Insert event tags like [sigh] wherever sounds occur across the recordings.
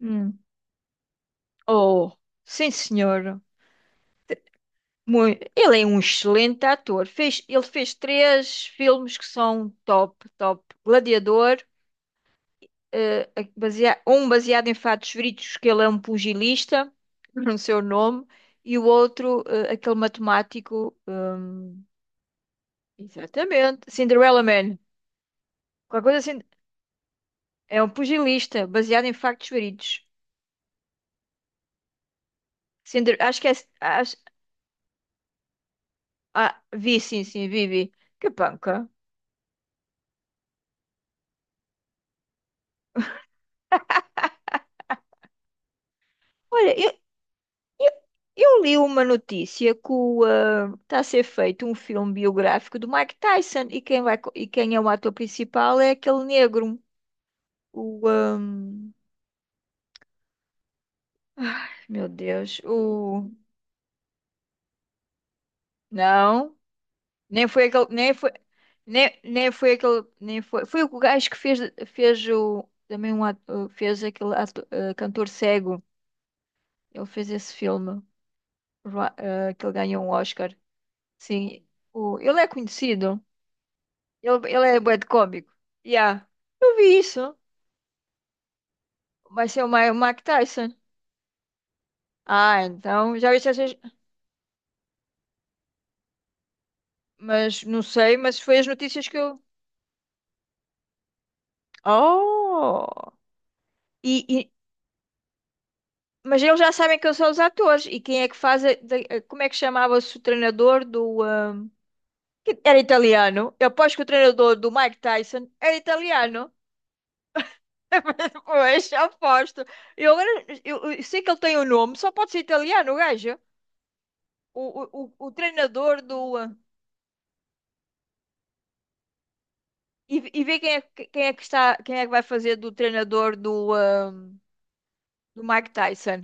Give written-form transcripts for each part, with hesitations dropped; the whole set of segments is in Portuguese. Hum. Oh, sim, senhor. Ele é um excelente ator. Ele fez três filmes que são top, top. Gladiador, eh, um baseado em fatos verídicos, que ele é um pugilista, [laughs] no seu nome, e o outro, aquele matemático, exatamente, Cinderella Man. Qualquer coisa assim, é um pugilista, baseado em factos verídicos. Cinder, acho que é. Acho, vi, sim, sim, vi, vi. Que panca. Olha, Eu eu li uma notícia que está a ser feito um filme biográfico do Mike Tyson e quem vai, e quem é o ator principal é aquele negro. O, ah, Ai, meu Deus, o não, nem foi aquele, nem foi, nem foi aquele, nem foi, foi o gajo que fez o também um ato- fez aquele ato- ah, cantor cego. Ele fez esse filme, que ele ganhou um Oscar. Sim, ele é conhecido. Ele é bué de cômico. Yeah. Eu vi isso. Vai ser o o Mike Tyson. Ah, então já viste essas. Mas não sei, mas foi as notícias que eu. Oh! E, e- Mas eles já sabem quem são os atores e quem é que faz. Como é que chamava-se o treinador do, que era italiano. Eu aposto que o treinador do Mike Tyson era italiano. [laughs] Pois, aposto. Eu agora. Eu sei que ele tem o nome, só pode ser italiano, o gajo. O treinador do. E ver quem é que está, quem é que vai fazer do treinador do, do Mike Tyson.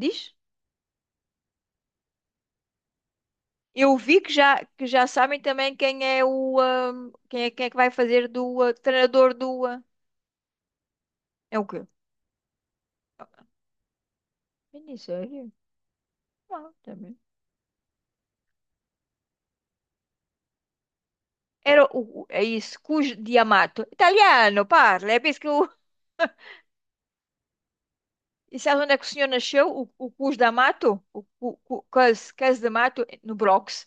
Diz? Eu vi que já sabem também quem é o quem é que vai fazer do treinador do é o quê? Minissérie? Ah, também. Era o, é isso, Cus Di Amato Italiano, parla. É por isso que o e sabe onde é que o senhor nasceu? O Cus D'Amato? O Cus, Cus D'Amato no Bronx.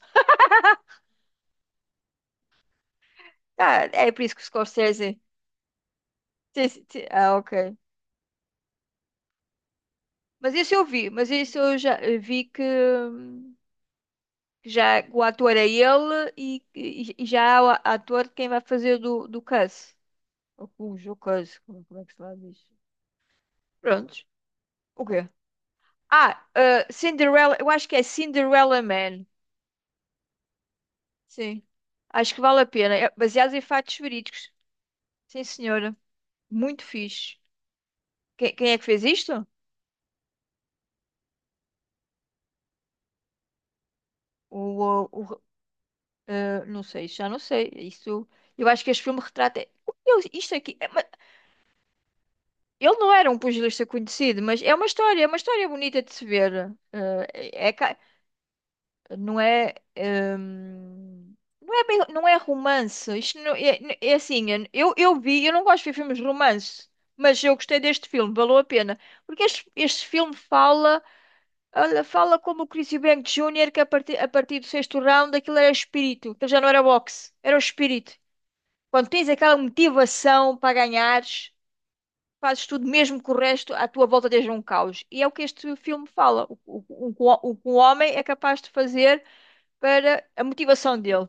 Ah, é por isso que o Scorsese. Sim, sim, sim. Ah, ok. Mas esse eu vi, mas esse eu já vi que, já o ator é ele e, e já há o ator de quem vai fazer do, do Cus. Ou Cus, ou Cus, como é que se fala isso? Prontos. O quê? Cinderella, eu acho que é Cinderella Man. Sim. Acho que vale a pena. É baseado em fatos verídicos. Sim, senhora. Muito fixe. Quem é que fez isto? O, o, o- não sei, já não sei. Isso, eu acho que este filme retrata. Isto aqui. Ele não era um pugilista conhecido, mas é uma história bonita de se ver. É, é ca- não é, não é não é romance. Isto não- É, assim, eu vi, eu não gosto de ver filmes de romance, mas eu gostei deste filme, valeu a pena. Porque este filme fala, olha, fala como o Chris Eubank Junior, que a partir do sexto round aquilo era espírito, aquilo já não era boxe, era o espírito. Quando tens aquela motivação para ganhares fazes tudo mesmo que o resto à tua volta esteja um caos. E é o que este filme fala, que o que um homem é capaz de fazer para a motivação dele.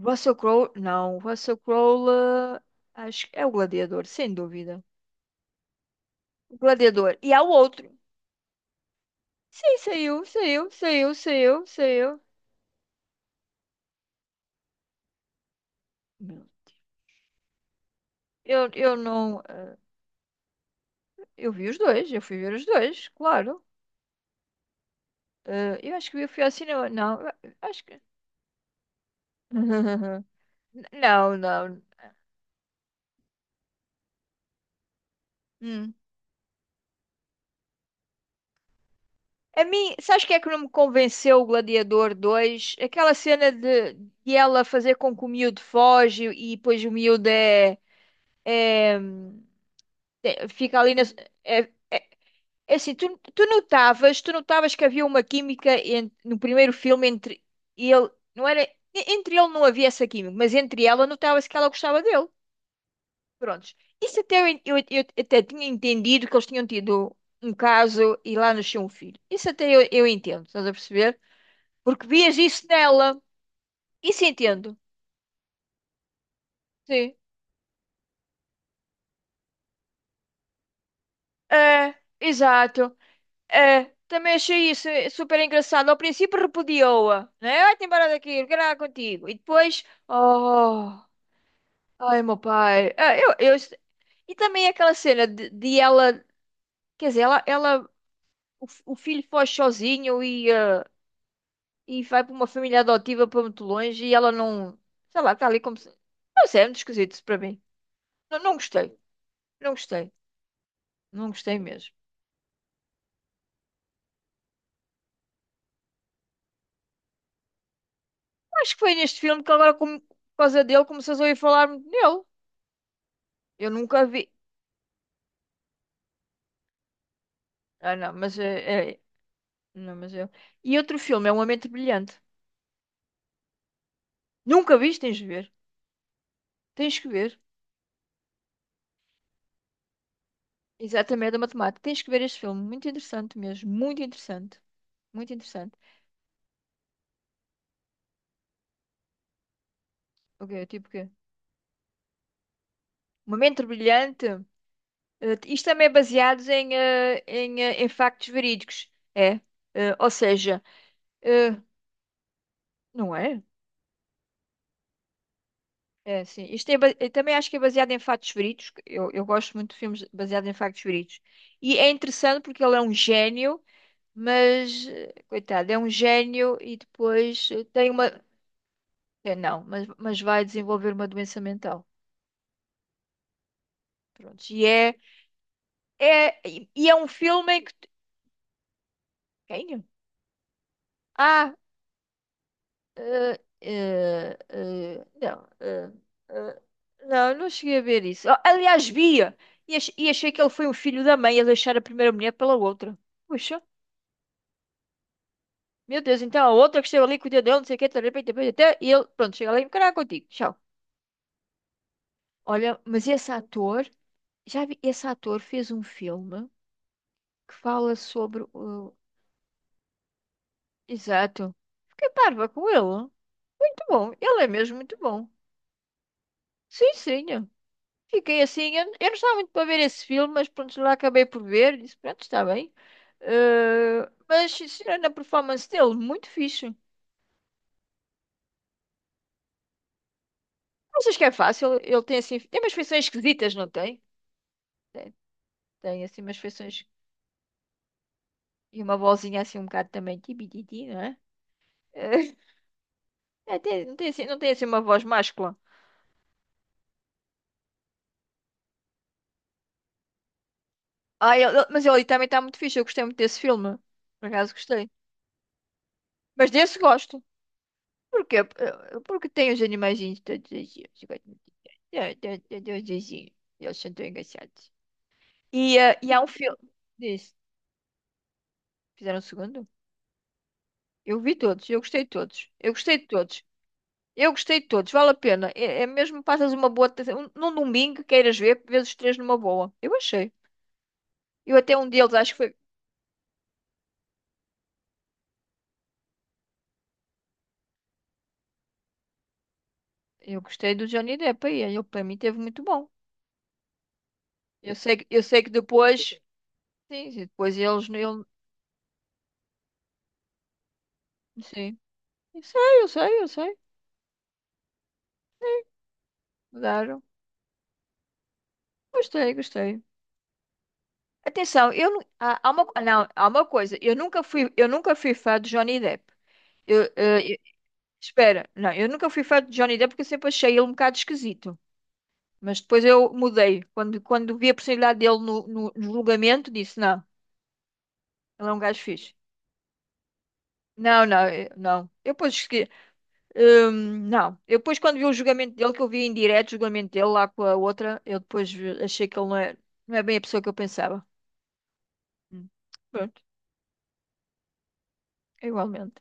Russell Crowe, não, Russell Crowe, acho que é o Gladiador, sem dúvida. O Gladiador. E há o outro. Sim, saiu, saiu, saiu, saiu, saiu. Meu, eu não. Eu vi os dois, eu fui ver os dois, claro. Eu acho que eu fui ao cinema. Não, eu acho que. [laughs] Não, não. Hum. A mim, sabes que é que não me convenceu o Gladiador 2? Aquela cena de, ela fazer com que o miúdo foge e depois o miúdo é, é- fica ali na. É, é assim, tu notavas que havia uma química no primeiro filme entre ele, não era, entre ele não havia essa química, mas entre ela notava-se que ela gostava dele. Prontos. Isso até eu, eu até tinha entendido que eles tinham tido um caso e lá nasceu um filho. Isso até eu entendo, estás a perceber? Porque vias isso nela. Isso entendo. Sim. É, exato. É, também achei isso super engraçado. Ao princípio repudiou-a, né? Ai, tem embora daqui, eu quero nada contigo. E depois, oh, ai, meu pai. Ah, eu... E também aquela cena de, ela, quer dizer, ela o filho foge sozinho e, e vai para uma família adotiva para muito longe e ela não, sei lá, está ali como se. Não sei, é muito esquisito isso para mim. Não, não gostei, não gostei, não gostei mesmo. Acho que foi neste filme que agora, por causa dele, começas a ouvir falar muito nele. Eu nunca vi. Ah, não, mas é, Não, mas eu. E outro filme, é Uma Mente Brilhante. Nunca viste, tens de ver. Tens que ver. Exatamente, é da matemática. Tens que ver este filme. Muito interessante mesmo. Muito interessante. Muito interessante. O Ok, tipo o quê? Uma Mente Brilhante. Isto também é baseado em factos verídicos. É. Ou seja, eh, não é? É, sim. Isto é, eu também acho que é baseado em factos verídicos. Que eu gosto muito de filmes baseados em factos verídicos. E é interessante porque ele é um gênio, mas, coitado, é um gênio e depois tem uma. É, não, mas vai desenvolver uma doença mental. Pronto. E é, e é um filme em que. Quem? Ah. Ah, não, ah, não, não cheguei a ver isso. Oh, aliás, via! E achei que ele foi um filho da mãe a deixar a primeira mulher pela outra. Puxa, meu Deus, então a outra que esteve ali cuidando dele, não sei o quê, tarará, tarará, tarará, até e ele, pronto, chega ali e caralho contigo. Tchau. Olha, mas esse ator, já vi, esse ator fez um filme que fala sobre o. Exato. Fiquei parva com ele. Muito bom, ele é mesmo muito bom. Sim, sim. Fiquei assim, eu não estava muito para ver esse filme, mas pronto, lá acabei por ver, disse, pronto, está bem. Mas, sinceramente, a performance dele, muito fixe. Não sei se é fácil, ele tem assim, tem umas feições esquisitas, não tem? Tem, tem assim umas feições e uma vozinha assim um bocado também, tibititi, não é? Eh, É, não tem assim, não tem assim uma voz máscula. Ah, mas ele também está muito fixe, eu gostei muito desse filme, por acaso gostei. Mas desse gosto. Por quê? Porque tem os animaizinhos todos os dias. Eu gosto muito dos vizinhos. Eles são tão engraçados. E há um filme. Diz. Fizeram o segundo? Eu vi todos. Eu gostei de todos. Eu gostei de todos. Eu gostei de todos. Vale a pena. É mesmo passas uma boa. Um, num domingo, queiras ver, vês os três numa boa. Eu achei. Eu até um deles, acho que foi. Eu gostei do Johnny Depp aí. Ele para mim teve muito bom. Eu sei, eu sei que depois. Sim, sim, depois eles. Ele, sim. Eu sei, eu sei, eu sei. Mudaram. Gostei, gostei. Atenção, há uma, não, há uma coisa, eu nunca fui fã de Johnny Depp. Eu, eh, eu- Espera, não, eu nunca fui fã de Johnny Depp porque eu sempre achei ele um bocado esquisito. Mas depois eu mudei. Quando vi a possibilidade dele no julgamento, disse, não, ele é um gajo fixe. Não, não, não. Não. Eu depois quando vi o julgamento dele, que eu vi em direto o julgamento dele lá com a outra, eu depois achei que ele não é, não é bem a pessoa que eu pensava. Hum. Pronto, é igualmente.